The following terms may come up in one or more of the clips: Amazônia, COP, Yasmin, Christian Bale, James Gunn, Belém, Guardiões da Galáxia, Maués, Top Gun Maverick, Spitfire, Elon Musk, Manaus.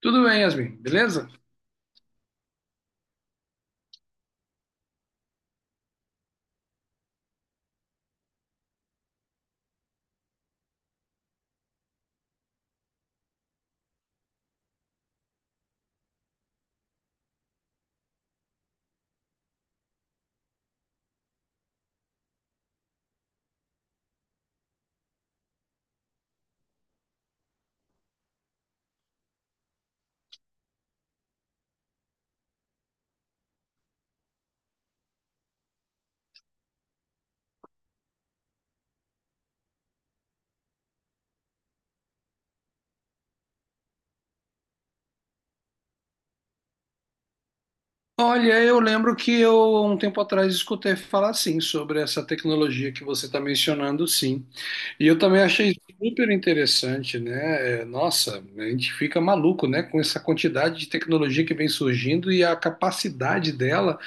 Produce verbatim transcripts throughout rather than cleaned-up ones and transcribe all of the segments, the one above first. Tudo bem, Yasmin, beleza? Olha, eu lembro que eu, há um tempo atrás, escutei falar, sim, sobre essa tecnologia que você está mencionando, sim. E eu também achei super interessante, né? É, nossa, a gente fica maluco, né? Com essa quantidade de tecnologia que vem surgindo e a capacidade dela,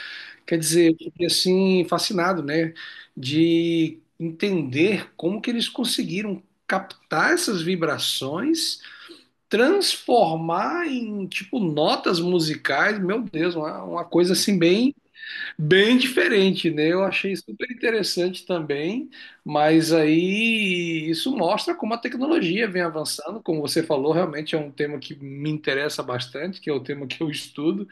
quer dizer, eu fiquei assim, fascinado, né? De entender como que eles conseguiram captar essas vibrações, transformar em tipo notas musicais, meu Deus, uma, uma coisa assim bem bem diferente, né? Eu achei super interessante também, mas aí isso mostra como a tecnologia vem avançando, como você falou, realmente é um tema que me interessa bastante, que é o tema que eu estudo.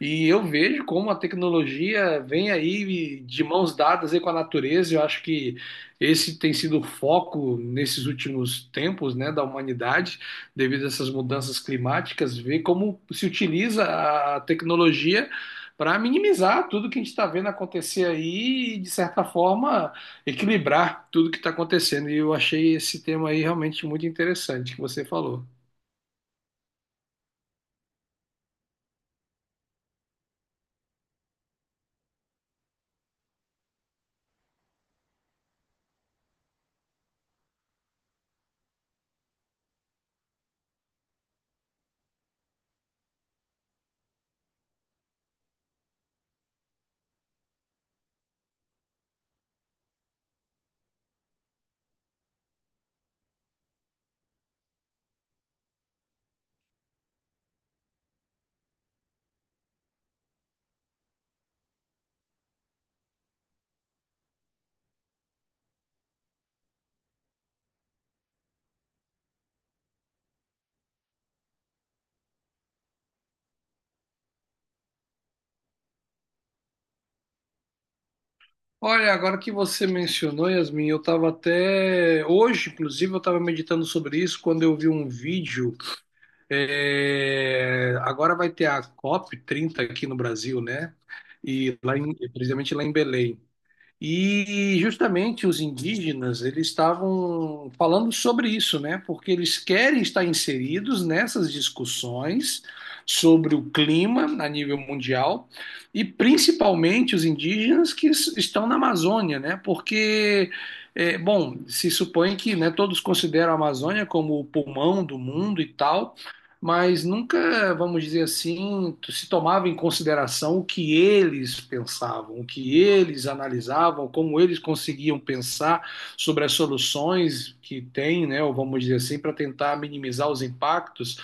E eu vejo como a tecnologia vem aí de mãos dadas aí com a natureza. Eu acho que esse tem sido o foco nesses últimos tempos, né, da humanidade, devido a essas mudanças climáticas, ver como se utiliza a tecnologia para minimizar tudo que a gente está vendo acontecer aí e, de certa forma, equilibrar tudo que está acontecendo. E eu achei esse tema aí realmente muito interessante que você falou. Olha, agora que você mencionou, Yasmin, eu estava até. Hoje, inclusive, eu estava meditando sobre isso quando eu vi um vídeo. é, Agora vai ter a COP trinta aqui no Brasil, né? E lá em... precisamente lá em Belém. E justamente os indígenas, eles estavam falando sobre isso, né? Porque eles querem estar inseridos nessas discussões sobre o clima a nível mundial e principalmente os indígenas que s- estão na Amazônia, né? Porque, é, bom, se supõe que, né, todos consideram a Amazônia como o pulmão do mundo e tal, mas nunca, vamos dizer assim, se tomava em consideração o que eles pensavam, o que eles analisavam, como eles conseguiam pensar sobre as soluções que têm, né, ou vamos dizer assim, para tentar minimizar os impactos.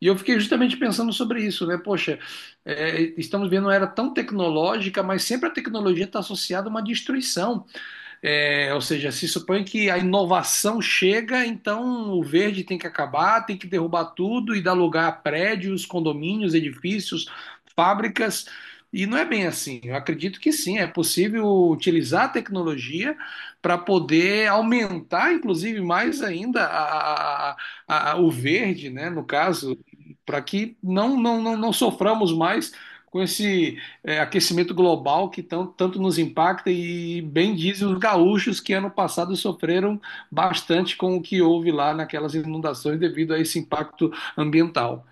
E eu fiquei justamente pensando sobre isso, né? Poxa, é, estamos vendo uma era tão tecnológica, mas sempre a tecnologia está associada a uma destruição. É, ou seja, se supõe que a inovação chega, então o verde tem que acabar, tem que derrubar tudo e dar lugar a prédios, condomínios, edifícios, fábricas. E não é bem assim. Eu acredito que sim, é possível utilizar a tecnologia para poder aumentar, inclusive, mais ainda a, a- a- a- o verde, né, no caso, para que não, não, não, não soframos mais com esse é, aquecimento global que tão, tanto nos impacta e bem dizem os gaúchos que ano passado sofreram bastante com o que houve lá naquelas inundações devido a esse impacto ambiental.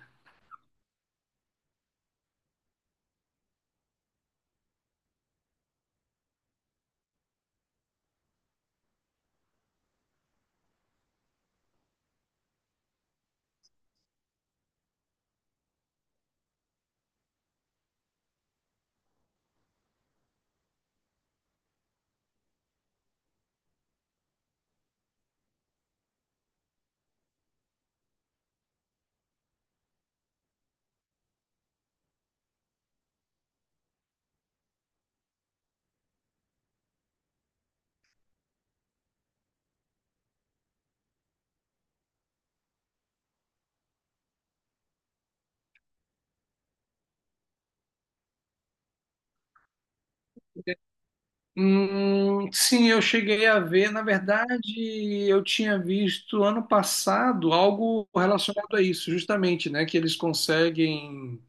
Hum, sim, eu cheguei a ver. Na verdade, eu tinha visto ano passado algo relacionado a isso, justamente, né? Que eles conseguem.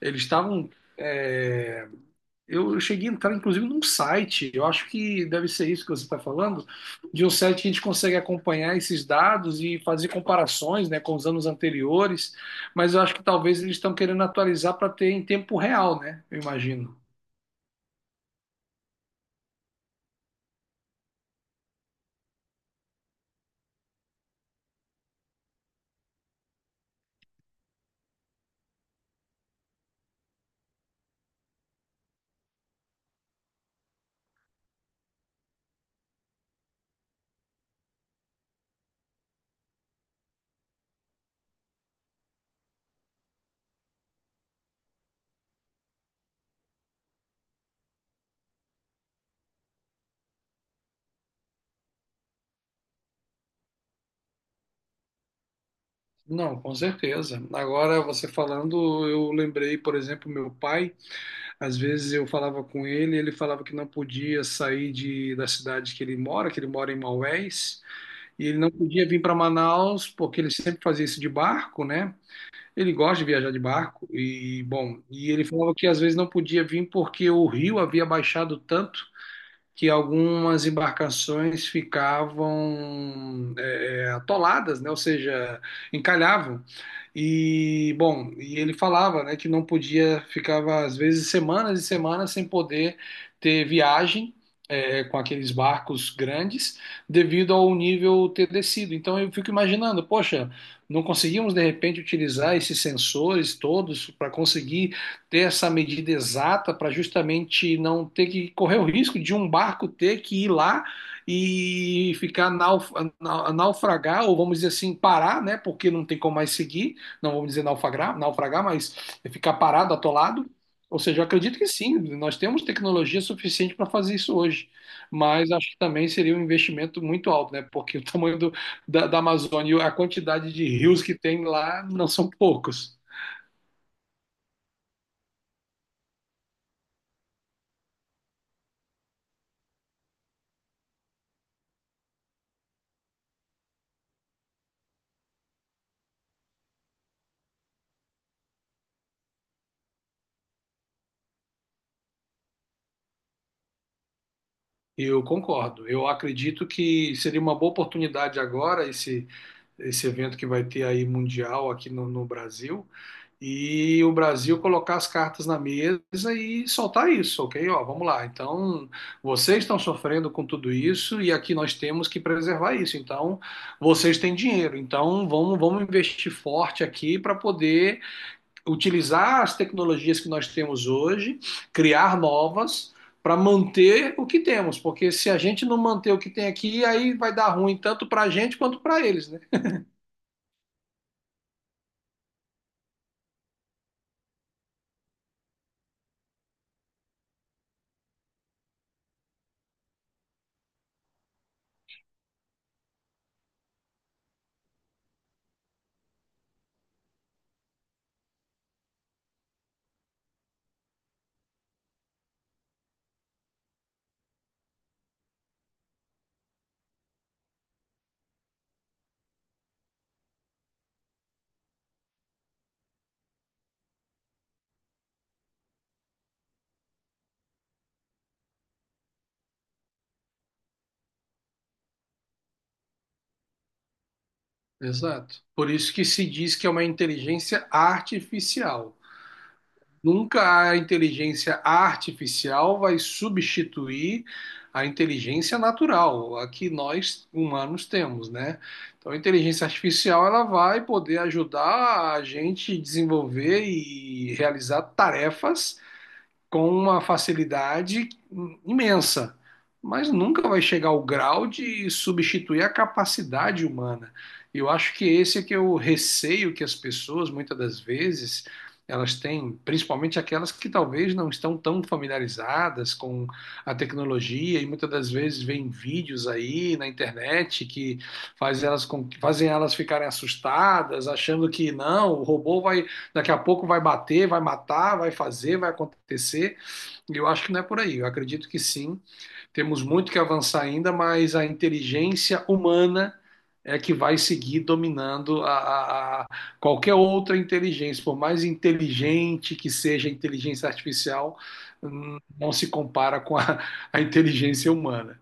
Eles estavam. é, Eu cheguei a entrar, inclusive, num site, eu acho que deve ser isso que você está falando, de um site que a gente consegue acompanhar esses dados e fazer comparações, né, com os anos anteriores, mas eu acho que talvez eles estão querendo atualizar para ter em tempo real, né? Eu imagino. Não, com certeza. Agora, você falando, eu lembrei, por exemplo, meu pai. Às vezes eu falava com ele, ele falava que não podia sair de, da cidade que ele mora, que ele mora em Maués, e ele não podia vir para Manaus, porque ele sempre fazia isso de barco, né? Ele gosta de viajar de barco e, bom, e ele falava que às vezes não podia vir porque o rio havia baixado tanto que algumas embarcações ficavam é, é, atoladas, né? Ou seja, encalhavam. E, bom, e ele falava, né, que não podia, ficava às vezes semanas e semanas sem poder ter viagem. É, com aqueles barcos grandes, devido ao nível ter descido. Então eu fico imaginando, poxa, não conseguimos de repente utilizar esses sensores todos para conseguir ter essa medida exata para justamente não ter que correr o risco de um barco ter que ir lá e ficar nauf na- naufragar, ou vamos dizer assim, parar, né? Porque não tem como mais seguir, não vamos dizer naufragar, naufragar, mas é ficar parado, atolado. Ou seja, eu acredito que sim, nós temos tecnologia suficiente para fazer isso hoje, mas acho que também seria um investimento muito alto, né? Porque o tamanho do, da, da Amazônia e a quantidade de rios que tem lá não são poucos. Eu concordo. Eu acredito que seria uma boa oportunidade agora esse, esse evento que vai ter aí mundial aqui no, no Brasil e o Brasil colocar as cartas na mesa e soltar isso, ok? Ó, vamos lá. Então, vocês estão sofrendo com tudo isso e aqui nós temos que preservar isso. Então, vocês têm dinheiro. Então, vamos, vamos investir forte aqui para poder utilizar as tecnologias que nós temos hoje, criar novas para manter o que temos, porque se a gente não manter o que tem aqui, aí vai dar ruim tanto para a gente quanto para eles, né? Exato. Por isso que se diz que é uma inteligência artificial. Nunca a inteligência artificial vai substituir a inteligência natural, a que nós humanos temos, né? Então, a inteligência artificial ela vai poder ajudar a gente desenvolver e realizar tarefas com uma facilidade imensa, mas nunca vai chegar ao grau de substituir a capacidade humana. E eu acho que esse é que é o receio que as pessoas, muitas das vezes, elas têm, principalmente aquelas que talvez não estão tão familiarizadas com a tecnologia e muitas das vezes veem vídeos aí na internet que faz elas com- fazem elas ficarem assustadas, achando que não, o robô vai daqui a pouco vai bater, vai matar, vai fazer, vai acontecer. E eu acho que não é por aí. Eu acredito que sim. Temos muito que avançar ainda, mas a inteligência humana é que vai seguir dominando a, a, a qualquer outra inteligência, por mais inteligente que seja a inteligência artificial, não se compara com a, a inteligência humana.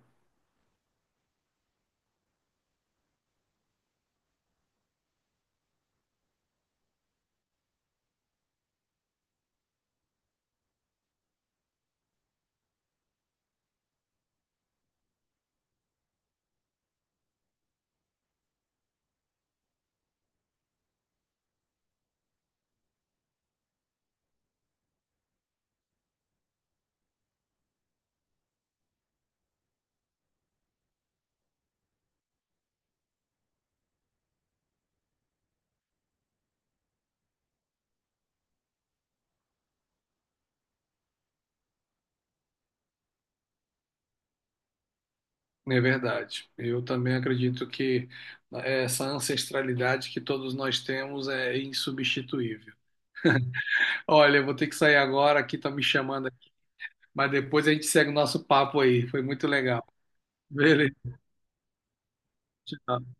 É verdade. Eu também acredito que essa ancestralidade que todos nós temos é insubstituível. Olha, eu vou ter que sair agora, aqui tá me chamando, mas depois a gente segue o nosso papo aí. Foi muito legal. Beleza. Tchau.